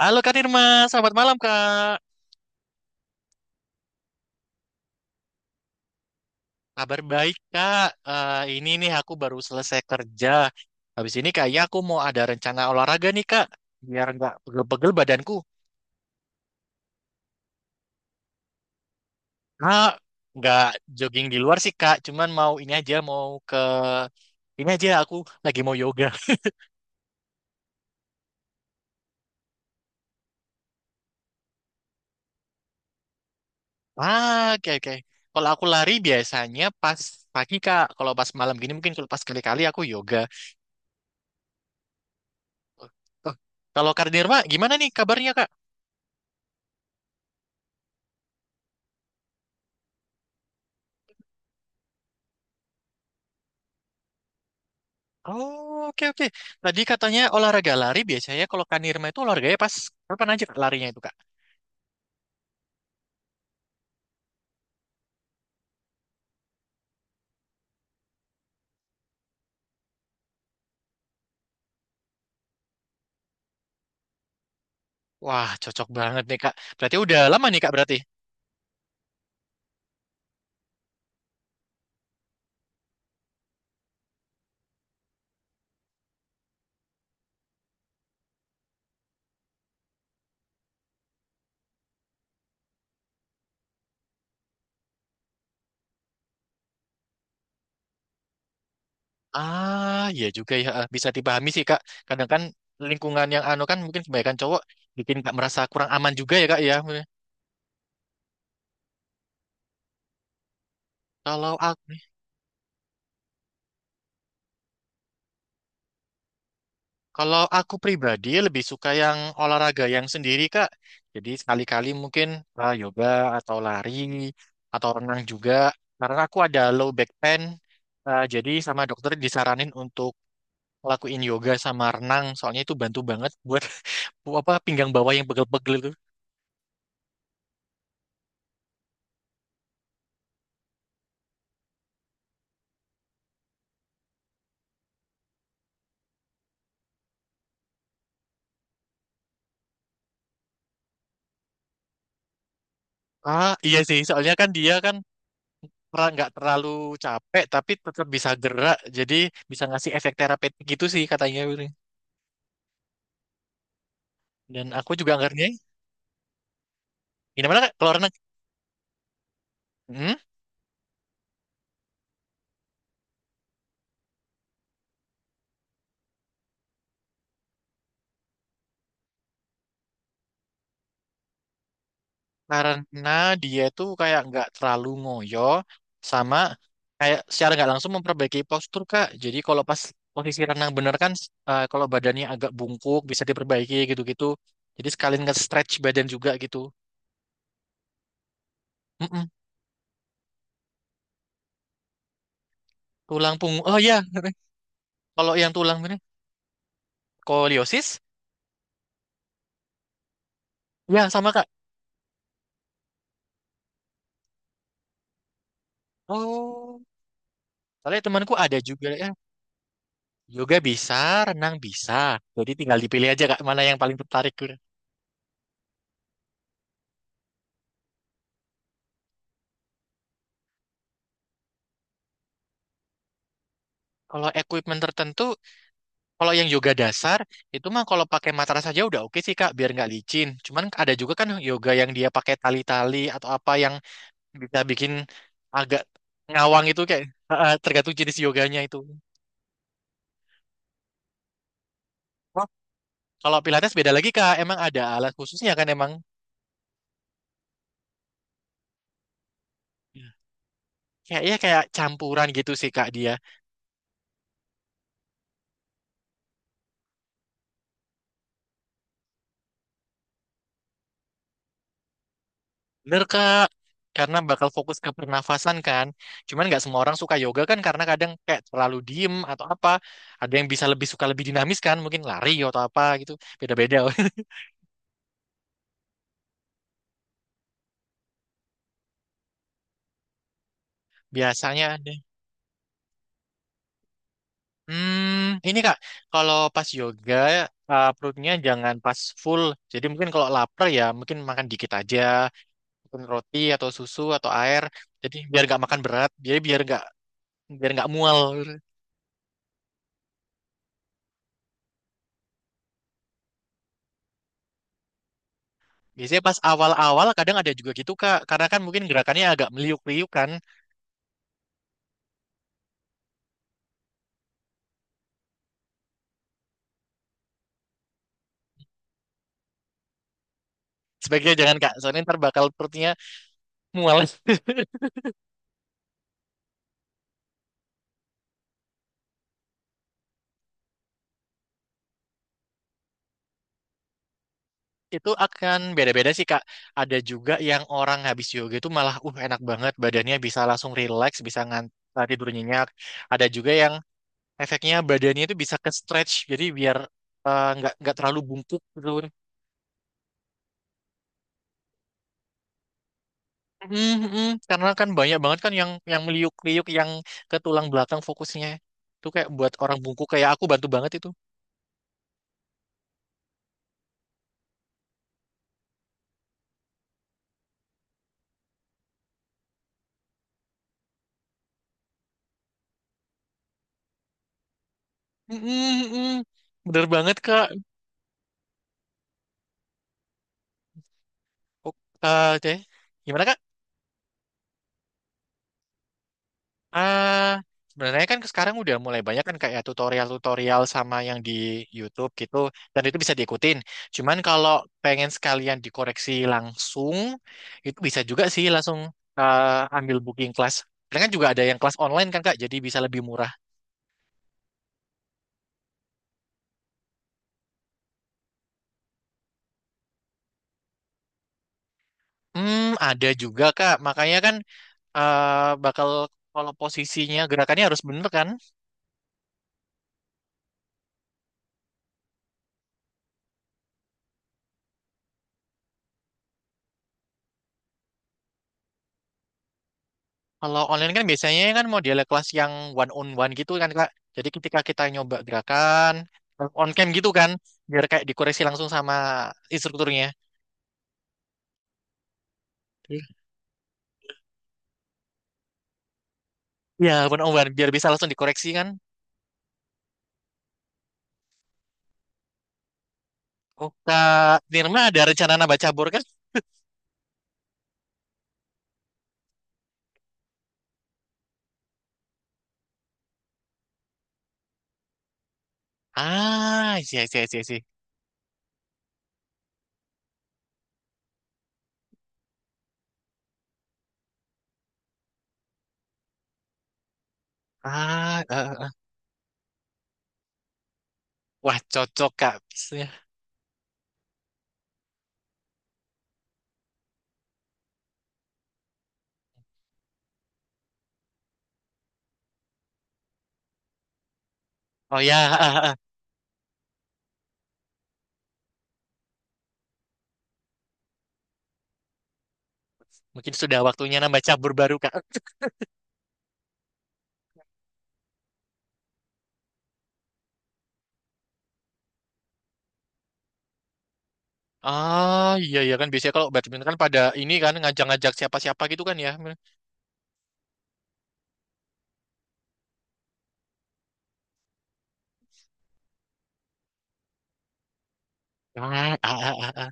Halo Kak Nirma, selamat malam Kak. Kabar baik Kak. Ini nih aku baru selesai kerja. Habis ini kayaknya aku mau ada rencana olahraga nih Kak. Biar nggak pegel-pegel badanku. Kak, nggak jogging di luar sih Kak. Cuman mau ini aja, mau ke... Ini aja aku lagi mau yoga. Oke oke. Kalau aku lari biasanya pas pagi Kak. Kalau pas malam gini mungkin kalau pas kali-kali aku yoga. Oh, kalau Kak Nirma, gimana nih kabarnya Kak? Oh, oke oke. Tadi katanya olahraga lari biasanya kalau Kanirma itu olahraganya pas kapan aja Kak, larinya itu Kak? Wah, cocok banget nih Kak. Berarti udah lama nih Kak berarti. Ah, iya juga ya. Bisa dipahami sih Kak. Kadang kan lingkungan yang anu kan mungkin kebanyakan cowok bikin Kak merasa kurang aman juga ya Kak ya. Kalau aku Kalau aku pribadi lebih suka yang olahraga yang sendiri, Kak. Jadi sekali-kali mungkin yoga atau lari atau renang juga. Karena aku ada low back pain, jadi sama dokter disaranin untuk lakuin yoga sama renang. Soalnya itu bantu banget buat apa pinggang bawah yang pegel-pegel itu. Ah, iya sih, soalnya kan dia kan pernah nggak terlalu capek tapi tetap bisa gerak. Jadi bisa ngasih efek terapeutik gitu sih katanya. Willy. Dan aku juga ngerti. Gimana Kak? Kalau renang? Hmm? Karena dia tuh kayak nggak terlalu ngoyo sama kayak secara nggak langsung memperbaiki postur Kak. Jadi kalau pas posisi renang bener kan kalau badannya agak bungkuk bisa diperbaiki gitu-gitu. Jadi sekalian nge-stretch badan juga gitu. Mm-mm. Tulang punggung. Oh ya, kalau yang tulang ini skoliosis ya sama Kak. Oh, soalnya temanku ada juga ya. Yoga bisa, renang bisa. Jadi tinggal dipilih aja Kak mana yang paling tertarik. Kalau equipment tertentu kalau yang yoga dasar itu mah kalau pakai matras saja udah oke sih Kak, biar nggak licin. Cuman ada juga kan yoga yang dia pakai tali-tali atau apa yang bisa bikin agak ngawang itu kayak tergantung jenis yoganya itu. Oh, kalau Pilates beda lagi Kak, emang ada alat khususnya kan emang. Kayak ya kayak campuran gitu sih Kak dia. Bener Kak, karena bakal fokus ke pernafasan kan. Cuman nggak semua orang suka yoga kan karena kadang kayak terlalu diem atau apa. Ada yang bisa lebih suka lebih dinamis kan, mungkin lari atau apa gitu. Beda-beda. Biasanya ada. Hmm, ini Kak, kalau pas yoga perutnya jangan pas full. Jadi mungkin kalau lapar ya mungkin makan dikit aja, mungkin roti atau susu atau air. Jadi biar nggak makan berat, jadi biar nggak mual. Biasanya pas awal-awal kadang ada juga gitu Kak, karena kan mungkin gerakannya agak meliuk-liuk kan. Sebaiknya jangan Kak, soalnya ntar bakal perutnya mual. Itu akan beda-beda sih Kak. Ada juga yang orang habis yoga itu malah enak banget badannya bisa langsung relax, bisa tidur nyenyak. Ada juga yang efeknya badannya itu bisa ke stretch, jadi biar nggak terlalu bungkuk gitu. Mm, mm. Karena kan banyak banget kan yang meliuk-liuk yang ke tulang belakang fokusnya. Itu kayak buat orang bungkuk kayak aku bantu banget itu. Mm-mm, mm-mm. Bener banget kak. Oh, oke, gimana kak? Ah, sebenarnya kan sekarang udah mulai banyak kan kayak tutorial-tutorial sama yang di YouTube gitu, dan itu bisa diikutin. Cuman kalau pengen sekalian dikoreksi langsung, itu bisa juga sih langsung eh, ambil booking kelas. Karena kan juga ada yang kelas online kan kak, jadi bisa lebih murah. Hmm, ada juga kak. Makanya kan eh, bakal kalau posisinya gerakannya harus bener kan? Kalau online kan biasanya kan model kelas yang one on one gitu kan Kak. Jadi ketika kita nyoba gerakan terus on cam gitu kan, biar kayak dikoreksi langsung sama instrukturnya. Iya, iya, one on one biar bisa langsung dikoreksi kan. Oh Kak Nirma ada rencana nambah cabur kan? Ah, iya iya iya iya. Ah, eh, eh, eh. Wah cocok Kak. Oh ya, eh, eh, eh. Mungkin sudah waktunya nambah cabur baru Kak. Ah iya iya kan biasanya kalau badminton kan pada ini kan ngajak-ngajak siapa-siapa gitu kan ya. Ah, ah, ah, ah, ah.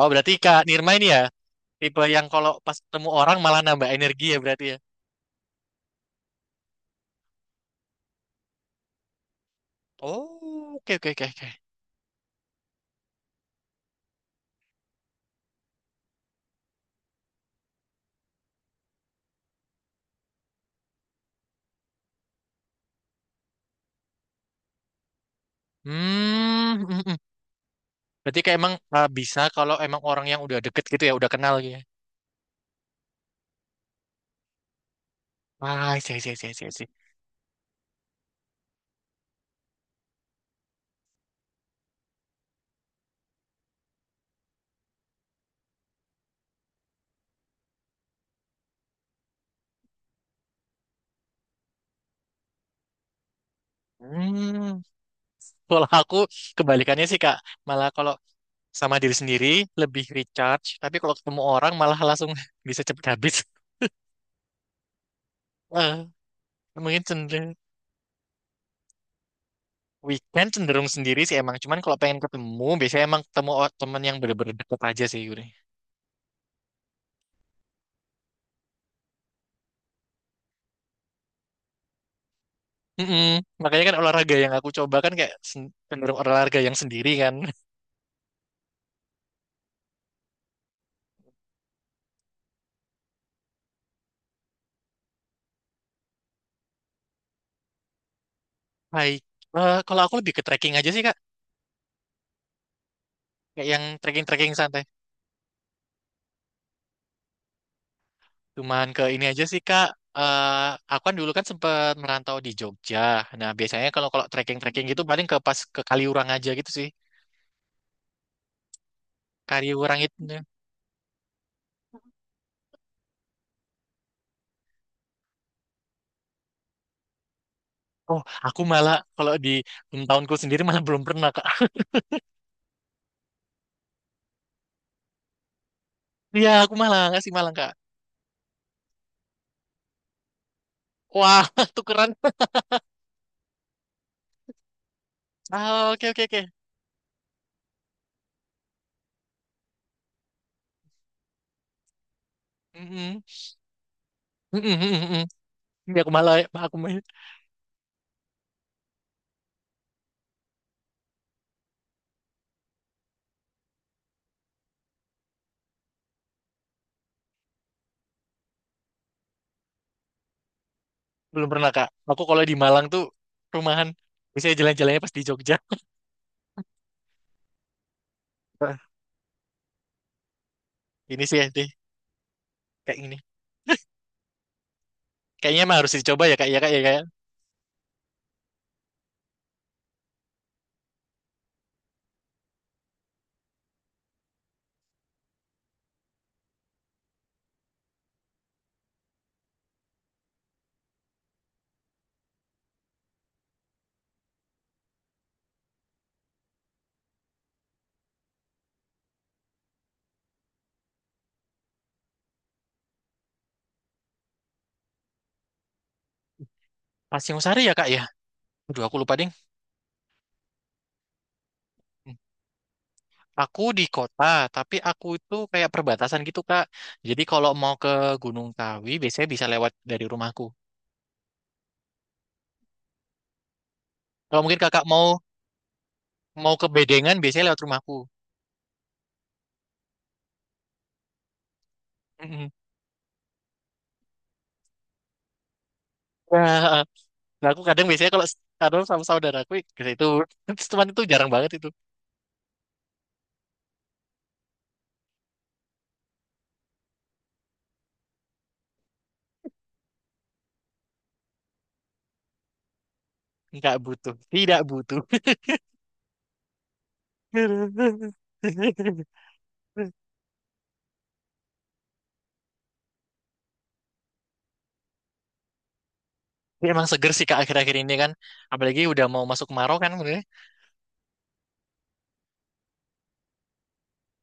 Oh berarti Kak Nirma ini ya tipe yang kalau pas ketemu orang malah nambah energi ya berarti ya. Oh, oke oke oke oke. Hmm, mm, mm. Berarti kayak emang bisa kalau emang orang yang udah deket gitu ya udah kenal gitu ya. Ah sih sih sih sih sih. Hmm, kalau aku kebalikannya sih Kak, malah kalau sama diri sendiri lebih recharge tapi kalau ketemu orang malah langsung bisa cepet habis. Eh, mungkin cenderung weekend cenderung sendiri sih emang, cuman kalau pengen ketemu biasanya emang ketemu temen yang bener-bener deket aja sih Yuri. Mm-mm. Makanya kan olahraga yang aku coba kan kayak cenderung olahraga yang sendiri kan. Hai, kalau aku lebih ke trekking aja sih Kak, kayak yang trekking-trekking santai. Cuman ke ini aja sih Kak. Eh, aku kan dulu kan sempat merantau di Jogja. Nah biasanya kalau kalau trekking-trekking gitu paling ke pas ke Kaliurang aja gitu sih. Kaliurang itu. Oh, aku malah kalau di tahunku sendiri malah belum pernah Kak. Iya, aku malah nggak sih malang Kak. Wah, tukeran. Ah, oke oke oke. Mm-mm. Mm-mm, mm-mm, mm-mm. Ini aku malah aku belum pernah, Kak. Aku kalau di Malang tuh rumahan. Biasanya jalan-jalannya pas di Jogja. Wah, ini sih deh kayak gini. Kayaknya mah harus dicoba ya, Kak. Ya, Kak, ya, Kak. Pasir Sari ya, Kak, ya. Aduh, aku lupa, ding. Hmm. Aku di kota, tapi aku itu kayak perbatasan gitu, Kak. Jadi kalau mau ke Gunung Kawi, biasanya bisa lewat dari rumahku. Kalau mungkin Kakak mau mau ke Bedengan, biasanya lewat rumahku. Mm-mm. Nah, nah, aku kadang biasanya kadang sama saudaraku ke situ, terus teman itu jarang banget itu. Nggak butuh, tidak butuh. Tapi emang seger sih kak akhir-akhir ini kan, apalagi udah mau masuk kemarau kan, bener ya?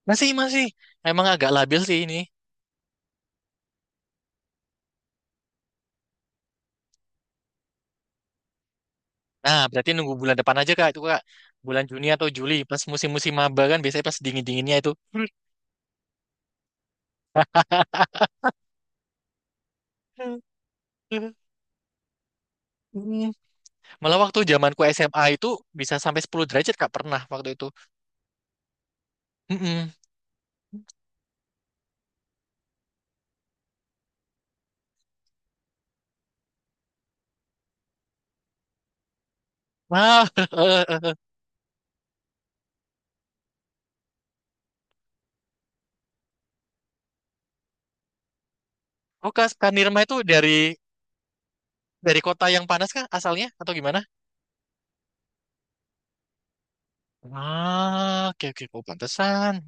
Masih masih, emang agak labil sih ini. Nah berarti nunggu bulan depan aja kak itu kak, bulan Juni atau Juli pas musim-musim maba kan biasanya pas dingin-dinginnya itu. Mm. Malah waktu zamanku SMA itu bisa sampai 10 derajat kak pernah waktu itu. Mm-mm. Wah, oh kak, Kak Nirma itu dari kota yang panas kak asalnya atau gimana? Ah, oke oke, oh, pantesan.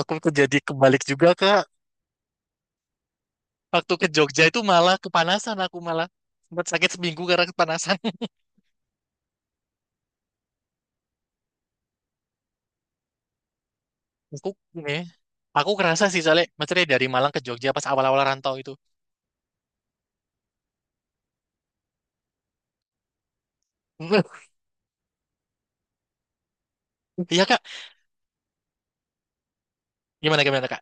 Aku tuh jadi kebalik juga Kak. Waktu ke Jogja itu malah kepanasan aku malah sempat sakit seminggu karena kepanasan. Aku ini aku kerasa sih soalnya maksudnya dari Malang ke Jogja pas awal-awal rantau itu. Iya Kak, gimana gimana Kak?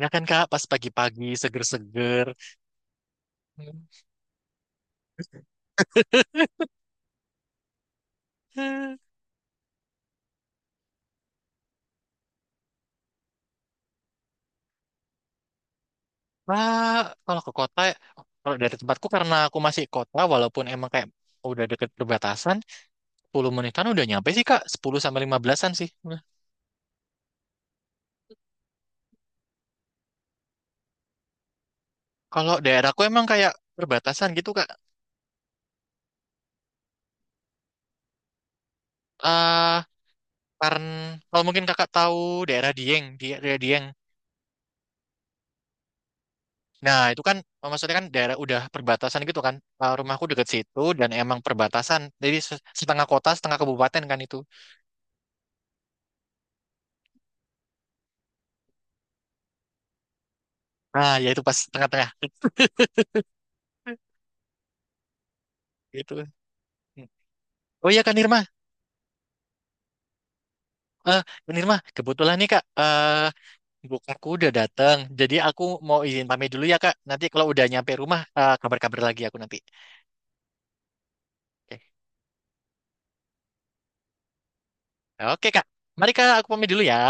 Ya kan Kak, pas pagi-pagi seger-seger. Nah, kalau ke kota, kalau dari tempatku karena aku masih kota, walaupun emang kayak udah deket perbatasan, 10 menitan udah nyampe sih Kak, 10 sampai 15-an sih. Nah, kalau daerahku emang kayak perbatasan gitu Kak. eh karena kalau mungkin kakak tahu daerah Dieng, di daerah Dieng. Nah, itu kan maksudnya kan daerah udah perbatasan gitu kan. Eh, rumahku deket situ dan emang perbatasan. Jadi setengah kota, setengah kabupaten kan itu. Nah, ya itu pas tengah-tengah gitu. Oh iya Kak Nirma, eh Kak Nirma, kebetulan nih Kak, buku aku udah datang. Jadi aku mau izin pamit dulu ya Kak. Nanti kalau udah nyampe rumah, kabar-kabar lagi aku nanti. Oke, oke Kak, mari Kak, aku pamit dulu ya.